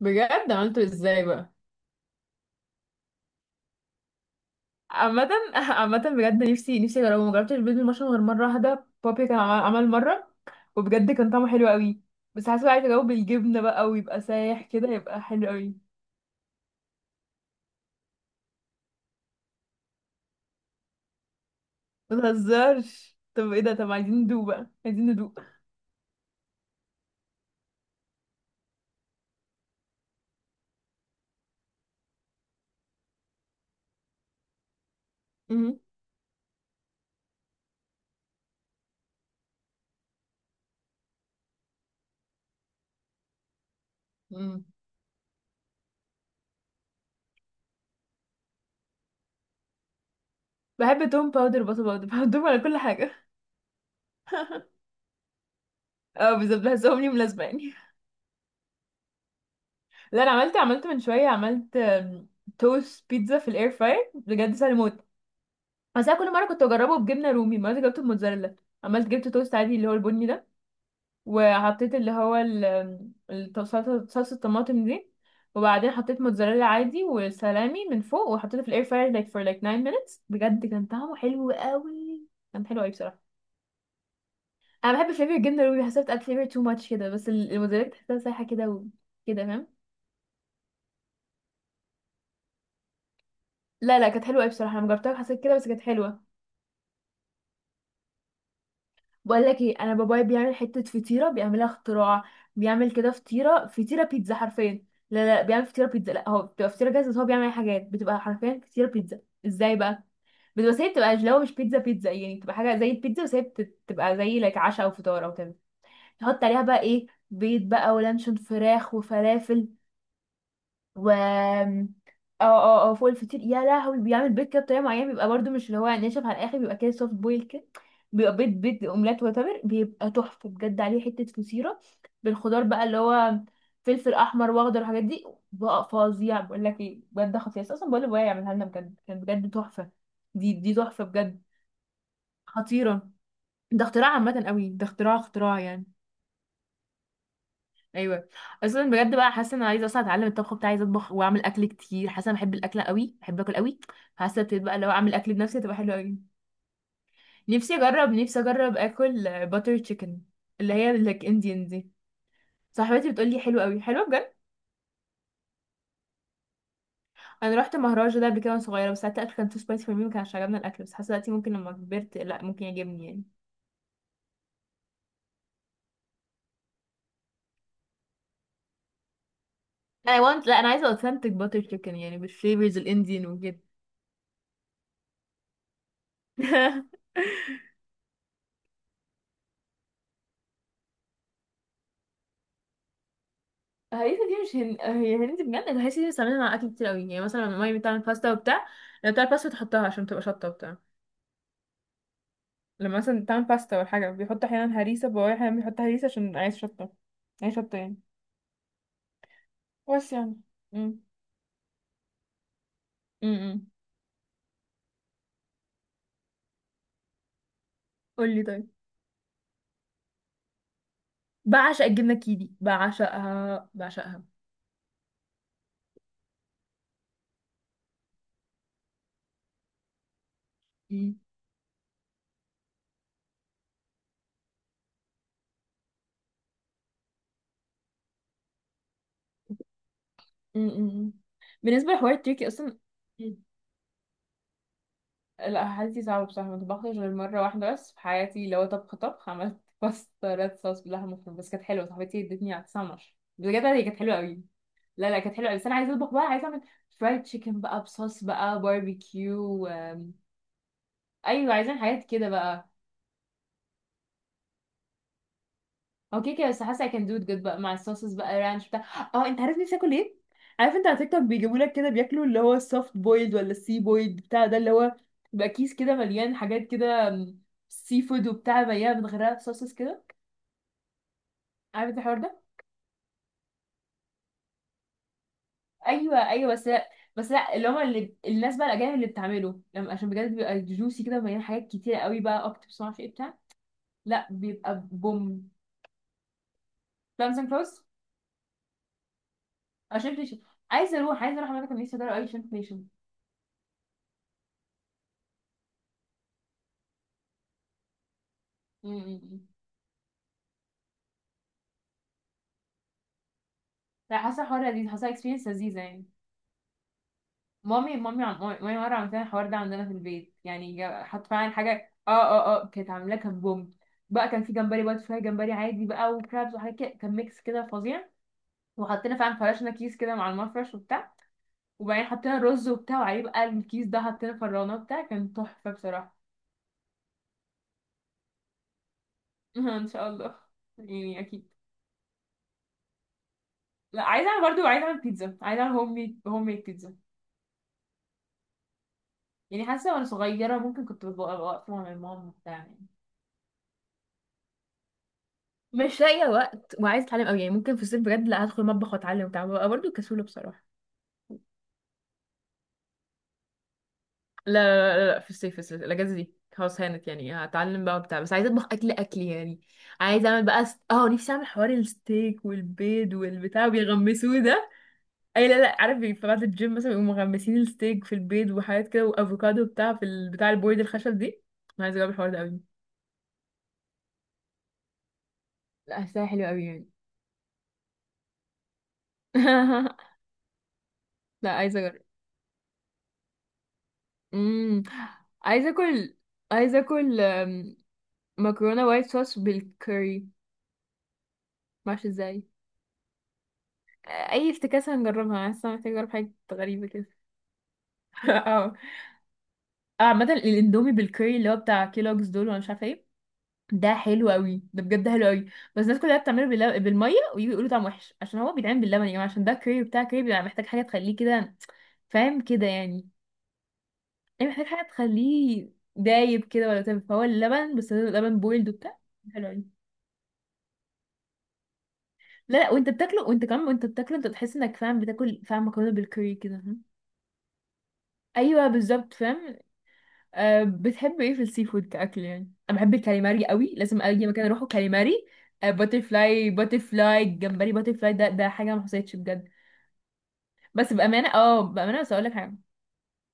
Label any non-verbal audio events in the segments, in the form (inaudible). بجد عملته ازاي بقى؟ عامة (laughs) عامة بجد نفسي اجربه. مجربتش البيض بالمشروم غير مرة واحدة. بابي كان عمل مرة وبجد كان طعمه حلو قوي. بس حاسة بقى عايزة اجاوب بالجبنة بقى ويبقى سايح كده يبقى حلو قوي. متهزرش، طب ايه ده، طب عايزين ندوق بقى، عايزين ندوق. مهم. مم. بحب توم باودر بصل باودر (laughs) بحطهم على كل حاجة. اه، بالظبط بحسهم لي ملازمة يعني. (laughs) لا، انا عملت من شوية، عملت توست بيتزا في الاير فراير، بجد سهل موت. بس انا كل مره كنت بجربه بجبنه رومي. مرة جبت الموتزاريلا، عملت جبت توست عادي اللي هو البني ده، وحطيت اللي هو ال- الت- صلصه صلصة الطماطم دي، وبعدين حطيت موتزاريلا عادي وسلامي من فوق، وحطيته في الاير فراير like for like 9 minutes. بجد كان طعمه حلو قوي، كان حلو قوي بصراحه. انا بحب فليفر الجبنه الرومي، بحسها بتاكل فليفر تو ماتش كده، بس الموتزاريلا تحسها سايحه كده وكده فاهم. لا لا، كانت حلوه قوي بصراحه، انا جربتها وحسيت كده، بس كانت حلوه. بقول لك ايه، انا بابايا بيعمل حته فطيره بيعملها اختراع. بيعمل كده فطيره بيتزا حرفيا. لا لا، بيعمل فطيره بيتزا. لا، هو بتبقى فطيره جاهزه، بس هو بيعمل حاجات بتبقى حرفيا فطيره بيتزا. ازاي بقى؟ بتبقى، بس هي بتبقى اللي هو مش بيتزا بيتزا يعني، بتبقى حاجه زي البيتزا، بس هي بتبقى زي لك عشاء او فطار او كده. يحط عليها بقى ايه، بيض بقى ولانشون فراخ وفلافل و اه اه اه، فوق الفطير. يا لهوي، بيعمل بيض كده بطريقه معينه، بيبقى برضو مش اللي هو ناشف على الاخر، بيبقى كده سوفت بويل كده، بيبقى بيض بيض اومليت واتر. بيبقى تحفه بجد عليه حته فطيره بالخضار بقى اللي هو فلفل احمر واخضر والحاجات دي، بقى فظيع. بقول لك ايه، بجد خطير. اصلا بقول لابويا يعملها لنا، بجد كان بجد تحفه. دي تحفه بجد، خطيره. ده اختراع عامه قوي، ده اختراع يعني. ايوه. اصلا بجد بقى حاسه ان انا عايزه اصلا اتعلم الطبخ بتاعي، عايزه اطبخ واعمل اكل كتير. حاسه انا بحب الاكل قوي، بحب اكل قوي. حاسه ابتديت بقى لو اعمل اكل بنفسي هتبقى حلوه قوي. نفسي اجرب اكل باتر تشيكن، اللي هي لك انديان دي. صاحبتي بتقول لي حلوه قوي، حلوه بجد. انا رحت مهرجان ده قبل كده وانا صغيره، بس ساعتها الاكل كان تو سبايسي فور مي، ما كانش عجبنا الاكل. بس حاسه دلوقتي، ممكن لما كبرت، لا ممكن يعجبني يعني. انا want، لا انا عايزه اوثنتك باتر تشيكن يعني، بالفليفرز الانديان وكده. (laughs) هريسة دي مش هي هندي بجد. الهريسة دي بتستعملها مع أكل كتير أوي يعني. مثلا لما مامي بتعمل باستا وبتاع، لما بتعمل باستا تحطها عشان تبقى شطة وبتاع. لما مثلا بتعمل باستا ولا حاجة بيحط أحيانا هريسة. بابايا أحيانا بيحط هريسة عشان عايز شطة، عايز شطة يعني. بس يعني. امم امم قولي طيب. بعشق الجبنة الكيري، بعشقها بعشقها. امم امم بالنسبة لحوار التركي أصلا. لا حالتي صعبة بصراحة، ما طبختش غير مرة واحدة بس في حياتي اللي هو طبخ طبخ. عملت (laughs) باستا ريد صوص باللحمة المفرومة، بس كانت حلوة. صاحبتي ادتني على تسمر، بجد هي كانت حلوة قوي. لا لا، كانت حلوة قوي. بس أنا عايزة أطبخ بقى، عايزة أعمل فرايد تشيكن بقى، بصوص بقى باربيكيو أيوة، عايزين حاجات كده بقى. هو كده كده، بس حاسه I can do it good بقى مع الصوصز بقى، رانش بتاع. اه، انت عارف نفسي اكل ايه؟ عارف انت على تيك توك بيجيبوا لك كده بياكلوا اللي هو السوفت بويلد ولا السي بويلد بتاع ده، اللي هو بيبقى كيس كده مليان حاجات كده، سي فود وبتاع مليانه متغرقه بصوصز كده. عارف انت الحوار ده؟ ايوه ايوه، بس لا. بس لا، اللي هم اللي الناس بقى الاجانب اللي بتعمله، لما عشان بجد بيبقى جوسي كده مليان حاجات كتيره قوي بقى، اوكتوبس ما اعرفش ايه بتاع. لا بيبقى بوم. كلامز اند كلوز، عشان عايزه اروح اماكن، نفسي ادور قوي، عشان. لا، حاسه الحوار لذيذ، حاسه اكسبيرينس لذيذه يعني. مامي مره عملت لنا الحوار ده عندنا في البيت يعني، حط فعلا حاجه، كانت عاملاه كان بوم. بقى كان في جمبري بقى، فراي جمبري عادي بقى وكرابس وحاجات كده، كان ميكس كده فظيع. وحطينا فعلا فرشنا كيس كده مع المفرش وبتاع، وبعدين حطينا رز وبتاع، وعليه بقى الكيس ده حطينا فرانه وبتاع، كان تحفه بصراحه. (laughs) ان شاء الله. يعني اكيد. لا عايزه اعمل برضه، عايزه اعمل بيتزا، عايزه اعمل هوم ميد، هوم ميد بيتزا. يعني حاسه وانا صغيره ممكن كنت ببقى واقفه مع ماما وبتاع يعني. مش لاقيه وقت وعايزه اتعلم قوي يعني. ممكن في الصيف بجد، لا، هدخل مطبخ واتعلم وبتاع، ببقى برضه كسوله بصراحه. لا لا لا لا، في الصيف، الاجازه دي خلاص هانت يعني، هتعلم بقى وبتاع. بس عايزه اطبخ اكل اكل يعني. عايزه اعمل بقى س... اه نفسي اعمل حوار الستيك والبيض والبتاع بيغمسوه ده. اي لا لا، عارف في بعد الجيم مثلا بيقوموا مغمسين الستيك في البيض وحاجات كده وافوكادو بتاع، في بتاع البورد الخشب دي. انا عايزه اجرب الحوار ده قوي. لا، حاساها حلوه قوي يعني. (laughs) لا عايزه اجرب. امم عايزه اكل، عايزه اكل مكرونة وايت صوص بالكcurry. معرفش ازاي. اي افتكاسة هنجربها، انا لسه محتاجة اجرب حاجة غريبة كده. (laughs) اه. عامة الاندومي بالكوري اللي هو بتاع كيلوجز دول، وانا مش عارفه ايه، ده حلو قوي، ده بجد حلو قوي. بس الناس كلها بتعمله بالميه، ويجوا يقولوا طعم وحش، عشان هو بيتعمل باللبن يا جماعه. عشان ده كوري بتاع كوري، بيبقى محتاج حاجه تخليه كده، فاهم كده يعني. يعني محتاج حاجه تخليه دايب كده، ولا تبقى فهو اللبن. بس هو لبن بويلد وبتاع، حلو قوي. لا لا، وانت بتاكله وانت كمان وانت بتاكله، انت تحس انك فاهم بتاكل، فاهم مكرونه بالكوري كده. ايوه بالظبط فاهم. أه، بتحب ايه في السي فود كاكل يعني؟ انا بحب الكاليماري قوي، لازم اي مكان اروحه كاليماري. أه باتر فلاي، باتر فلاي الجمبري باتر فلاي ده حاجه ما حصلتش بجد. بس بامانه بس اقول لك حاجه،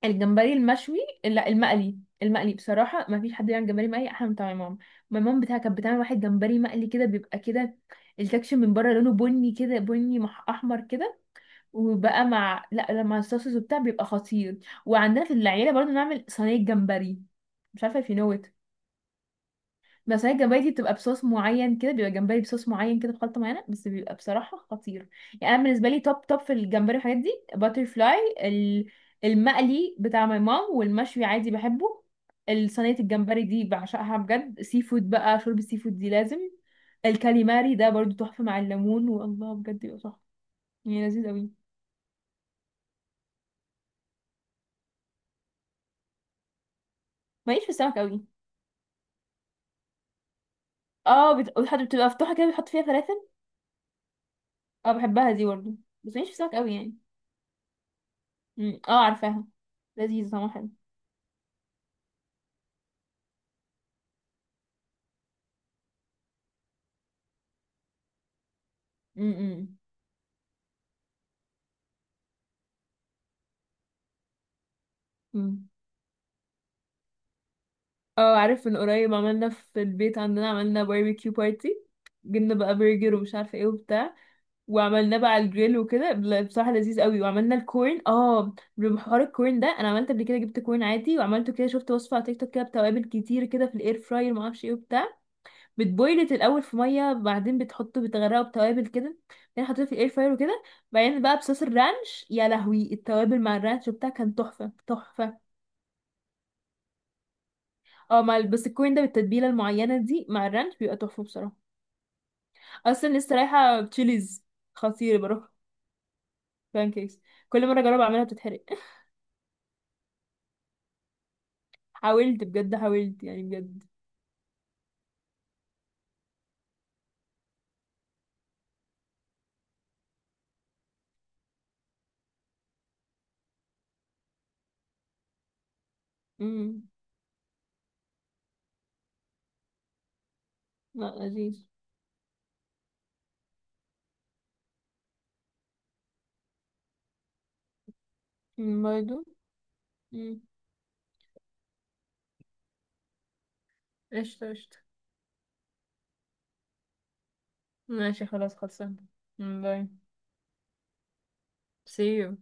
الجمبري المشوي. لا، المقلي. المقلي بصراحه، ما فيش حد يعمل جمبري مقلي احلى من بتاع ماما. ماما بتاعها كانت بتعمل واحد جمبري مقلي كده، بيبقى كده التكشن من بره لونه بني كده، بني احمر كده، وبقى مع، لا، لما الصوصز وبتاع بيبقى خطير. وعندنا في العيله برضو نعمل صينيه جمبري، مش عارفه في نوت. بس صينيه الجمبري دي بتبقى بصوص معين كده، بيبقى جمبري بصوص معين كده بخلطه معينه، بس بيبقى بصراحه خطير. يعني انا بالنسبه لي توب توب في الجمبري والحاجات دي. باتر فلاي المقلي بتاع ماي مام، والمشوي عادي بحبه. الصينيه الجمبري دي بعشقها بجد. سي فود بقى، شوربه سي فود دي لازم. الكاليماري ده برضو تحفه مع الليمون، والله بجد بيبقى تحفه، يعني لذيذ قوي. ماليش في السمك قوي. اه، بتحط، بتبقى مفتوحة كده، بتحط فيها فلافل. اه بحبها دي برضه. بس ماليش في السمك قوي يعني. مم. اه عارفاها، لذيذ طعمها حلو. مم. مم. اه، عارف من قريب عملنا في البيت عندنا، عملنا باربيكيو بارتي. جبنا بقى برجر ومش عارفه ايه وبتاع، وعملناه بقى على الجريل وكده، لا، بصراحه لذيذ قوي. وعملنا الكورن، بحوار الكورن ده، انا عملت قبل كده جبت كورن عادي وعملته كده، شفت وصفه على تيك توك كده بتوابل كتير كده في الاير فراير، ما اعرفش ايه وبتاع. بتبويلت الاول في ميه، بعدين بتحطه بتغرقه بتوابل كده، بعدين حطيته في الاير فراير وكده، بعدين بقى بصوص الرانش. يا لهوي، التوابل مع الرانش وبتاع كان تحفه تحفه. اه، مع البسكوين ده بالتتبيله المعينه دي مع الرانش بيبقى تحفه بصراحه. اصلا لسه رايحه تشيليز خطير، بروح بانكيكس. كل مره اجرب اعملها بتتحرق. (laughs) حاولت بجد، حاولت يعني بجد. امم لا، لذيذ. برضه. امم قشطة قشطة. ماشي خلاص خلصنا. باي. see you